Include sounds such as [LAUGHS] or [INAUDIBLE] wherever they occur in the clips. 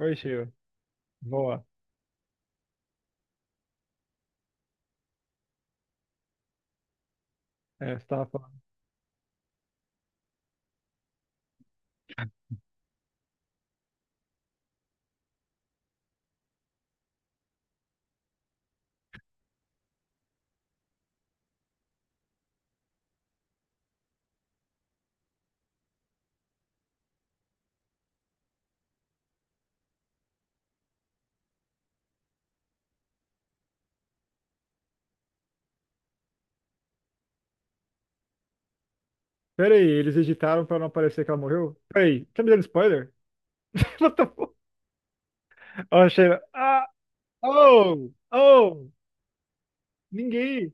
Oi, Sheila. Boa. É, você tava falando. Pera aí, eles editaram pra não aparecer que ela morreu? Pera aí, tá me dando spoiler? [LAUGHS] What the fuck? Ó, Sheila. Oh, oh, ninguém.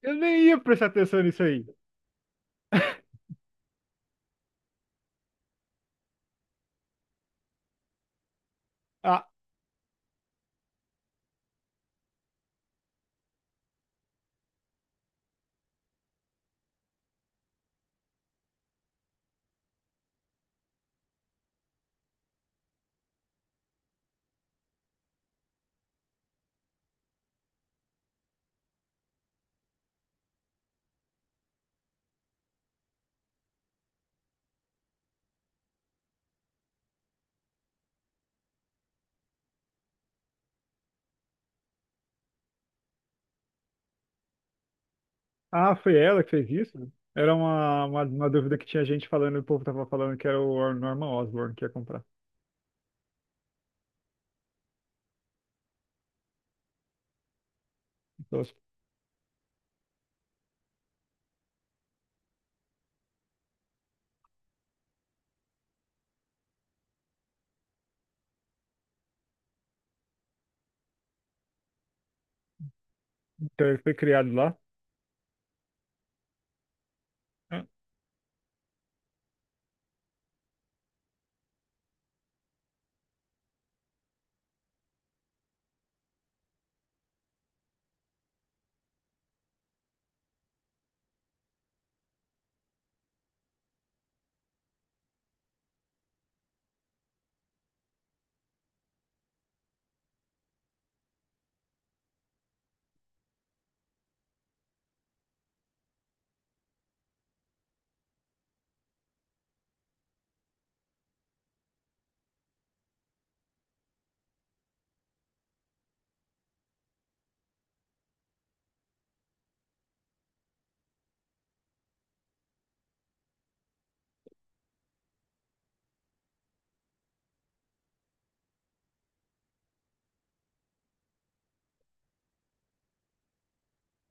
Eu nem ia prestar atenção nisso aí. [LAUGHS] Ah, foi ela que fez isso? Era uma dúvida que tinha gente falando. O povo tava falando que era o Norman Osborn que ia comprar. Então, então ele foi criado lá. Ah,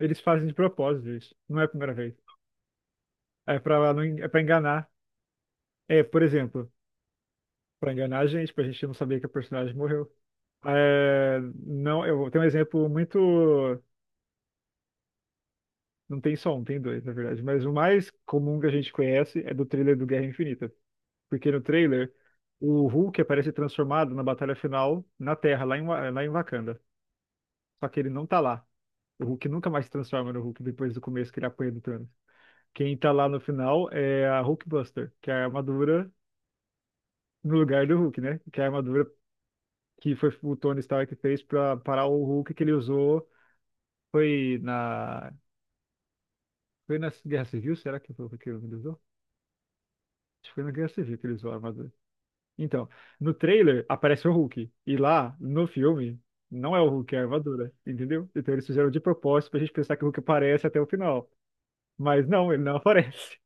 eles fazem de propósito isso. Não é a primeira vez. É pra, não en- é pra enganar. É, por exemplo. Pra enganar a gente, pra gente não saber que a personagem morreu. É, não, eu tenho um exemplo muito. Não tem só um, tem dois, na verdade. Mas o mais comum que a gente conhece é do trailer do Guerra Infinita. Porque no trailer, o Hulk aparece transformado na batalha final na Terra, lá em Wakanda. Só que ele não tá lá. O Hulk nunca mais se transforma no Hulk depois do começo que ele apanha do Thanos. Quem tá lá no final é a Hulkbuster, que é a armadura no lugar do Hulk, né? Que é a armadura que foi o Tony Stark fez pra parar o Hulk que ele usou. Foi na. Foi na Guerra Civil? Será que foi o que ele usou? Acho que foi na Guerra Civil que ele usou a armadura. Então, no trailer aparece o Hulk. E lá, no filme, não é o Hulk, é a armadura. Entendeu? Então eles fizeram de propósito pra gente pensar que o Hulk aparece até o final. Mas não, ele não [LAUGHS] aparece.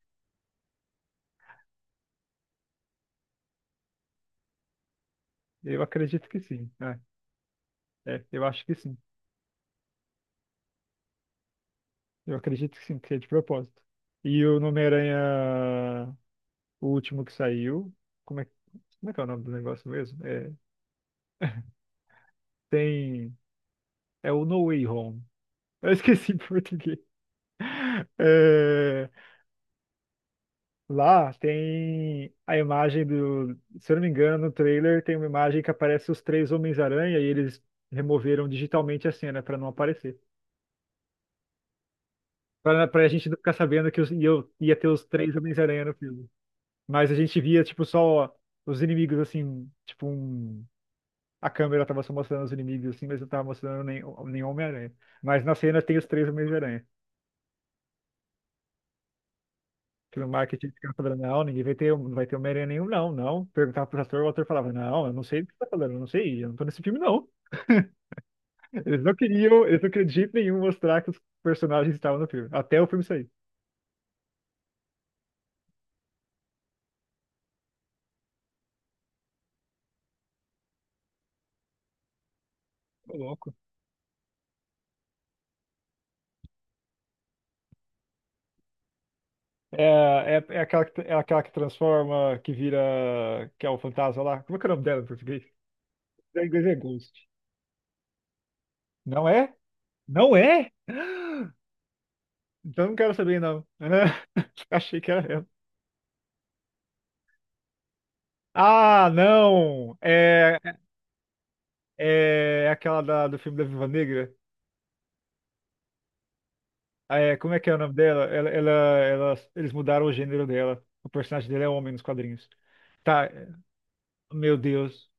Eu acredito que sim. É, é, eu acho que sim. Eu acredito que sim, que é de propósito. E o Homem-Aranha, o último que saiu. Como é, como é que é o nome do negócio mesmo? É, tem. É o No Way Home. Eu esqueci [LAUGHS] em português. É, lá tem a imagem do. Se eu não me engano, no trailer tem uma imagem que aparece os três Homens-Aranha e eles removeram digitalmente a cena pra não aparecer. Pra gente não ficar sabendo que eu ia ter os três Homens-Aranha no filme. Mas a gente via, tipo, só os inimigos assim. Tipo, um. A câmera tava só mostrando os inimigos assim, mas não tava mostrando nem, nenhum Homem-Aranha. Mas na cena tem os três Homens-Aranha. Que no marketing fica falando, não, ninguém vai ter, não vai ter Homem-Aranha nenhum, não, não. Perguntava pro ator, o ator falava, não, eu não sei do que você tá falando, eu não sei, eu não tô nesse filme, não. Eles não queriam de jeito nenhum mostrar que os personagens estavam no filme, até o filme sair. Ô, louco. É aquela que transforma, que vira, que é o fantasma lá. Como é que é o nome dela em português? Em inglês é Ghost. Não é? Não é? [GASPS] Então não quero saber, não. [LAUGHS] Achei que era ela. Ah, não! É é aquela do filme da Viva Negra. Ah, é, como é que é o nome dela? Eles mudaram o gênero dela. O personagem dela é homem nos quadrinhos. Tá, é, meu Deus.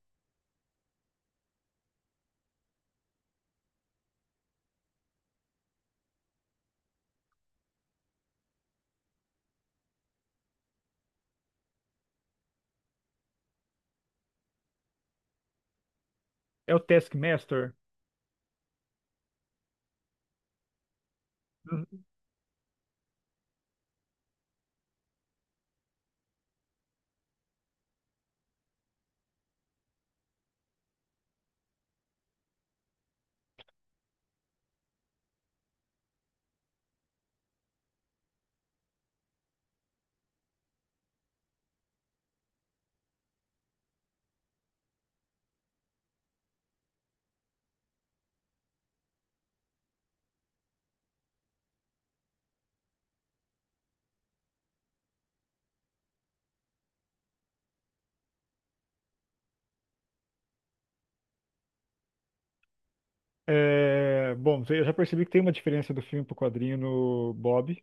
É o Taskmaster? É, bom, eu já percebi que tem uma diferença do filme pro quadrinho no Bob,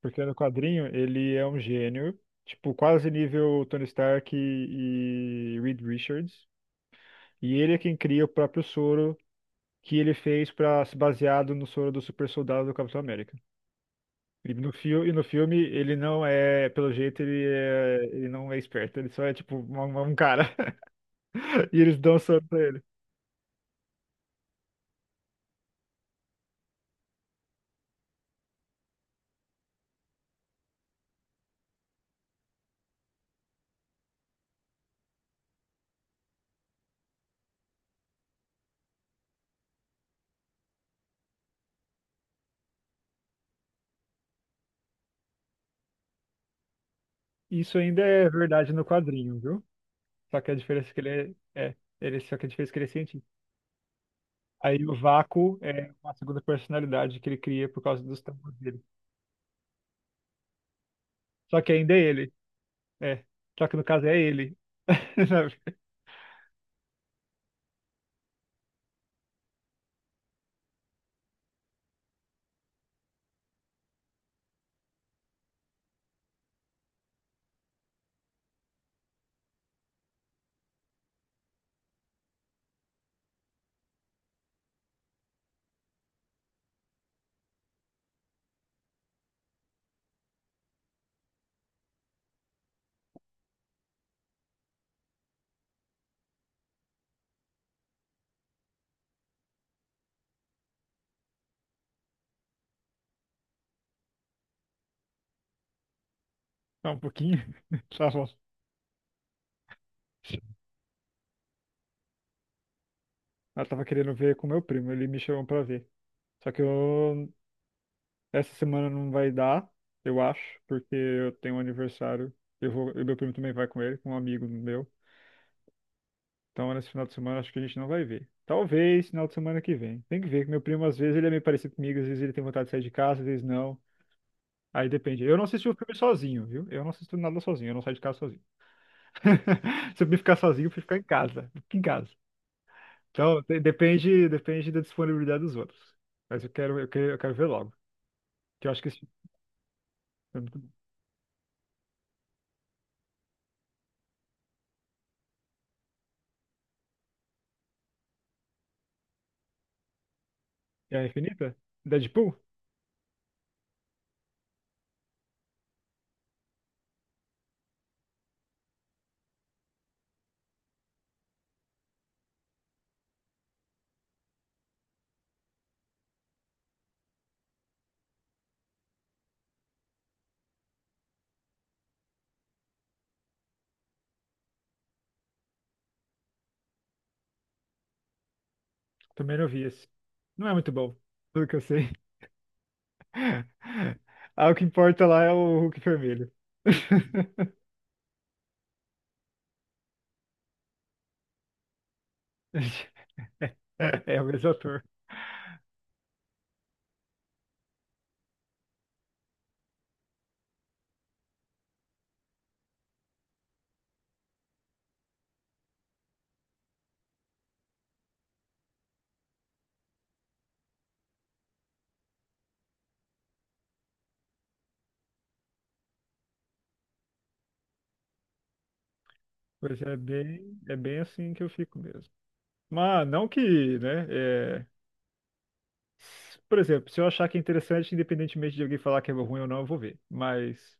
porque no quadrinho ele é um gênio, tipo, quase nível Tony Stark e Reed Richards. E ele é quem cria o próprio soro que ele fez para se baseado no soro do super soldado do Capitão América. E no filme ele não é, pelo jeito, ele, é, ele não é esperto, ele só é tipo um cara. [LAUGHS] E eles dão soco pra ele. Isso ainda é verdade no quadrinho, viu? Só que a diferença é que ele é, é ele, só que a diferença é que ele é cientista. Aí o Vácuo é uma segunda personalidade que ele cria por causa dos tambores dele. Só que ainda é ele. É. Só que no caso é ele. [LAUGHS] Sabe? Só um pouquinho. [LAUGHS] Tá bom. Eu tava querendo ver com meu primo, ele me chamou pra ver. Só que eu Essa semana não vai dar, eu acho, porque eu tenho um aniversário. Eu vou, e meu primo também vai com ele, com um amigo meu. Então, nesse final de semana, acho que a gente não vai ver. Talvez final de semana que vem. Tem que ver, que meu primo, às vezes, ele é meio parecido comigo, às vezes ele tem vontade de sair de casa, às vezes não. Aí depende. Eu não assisti o filme sozinho, viu? Eu não assisto nada sozinho, eu não saio de casa sozinho. [LAUGHS] Se eu me ficar sozinho, eu prefiro ficar em casa. Fica em casa. Então, depende, depende da disponibilidade dos outros. Mas eu quero ver logo. Que eu acho que esse filme é muito bom. É a Infinita? Deadpool? Também não vi esse. Não é muito bom, pelo que eu sei. [LAUGHS] Ah, o que importa lá é o Hulk vermelho. [LAUGHS] É o mesmo ator. Pois é bem assim que eu fico mesmo. Mas não que, né? É, por exemplo, se eu achar que é interessante, independentemente de alguém falar que é ruim ou não, eu vou ver. Mas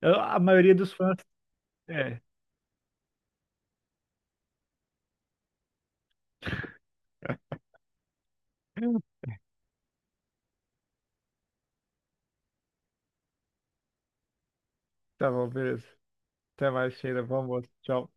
a maioria dos fãs. É. Tá bom, beleza. Até mais, Sheila. Bom almoço. Tchau.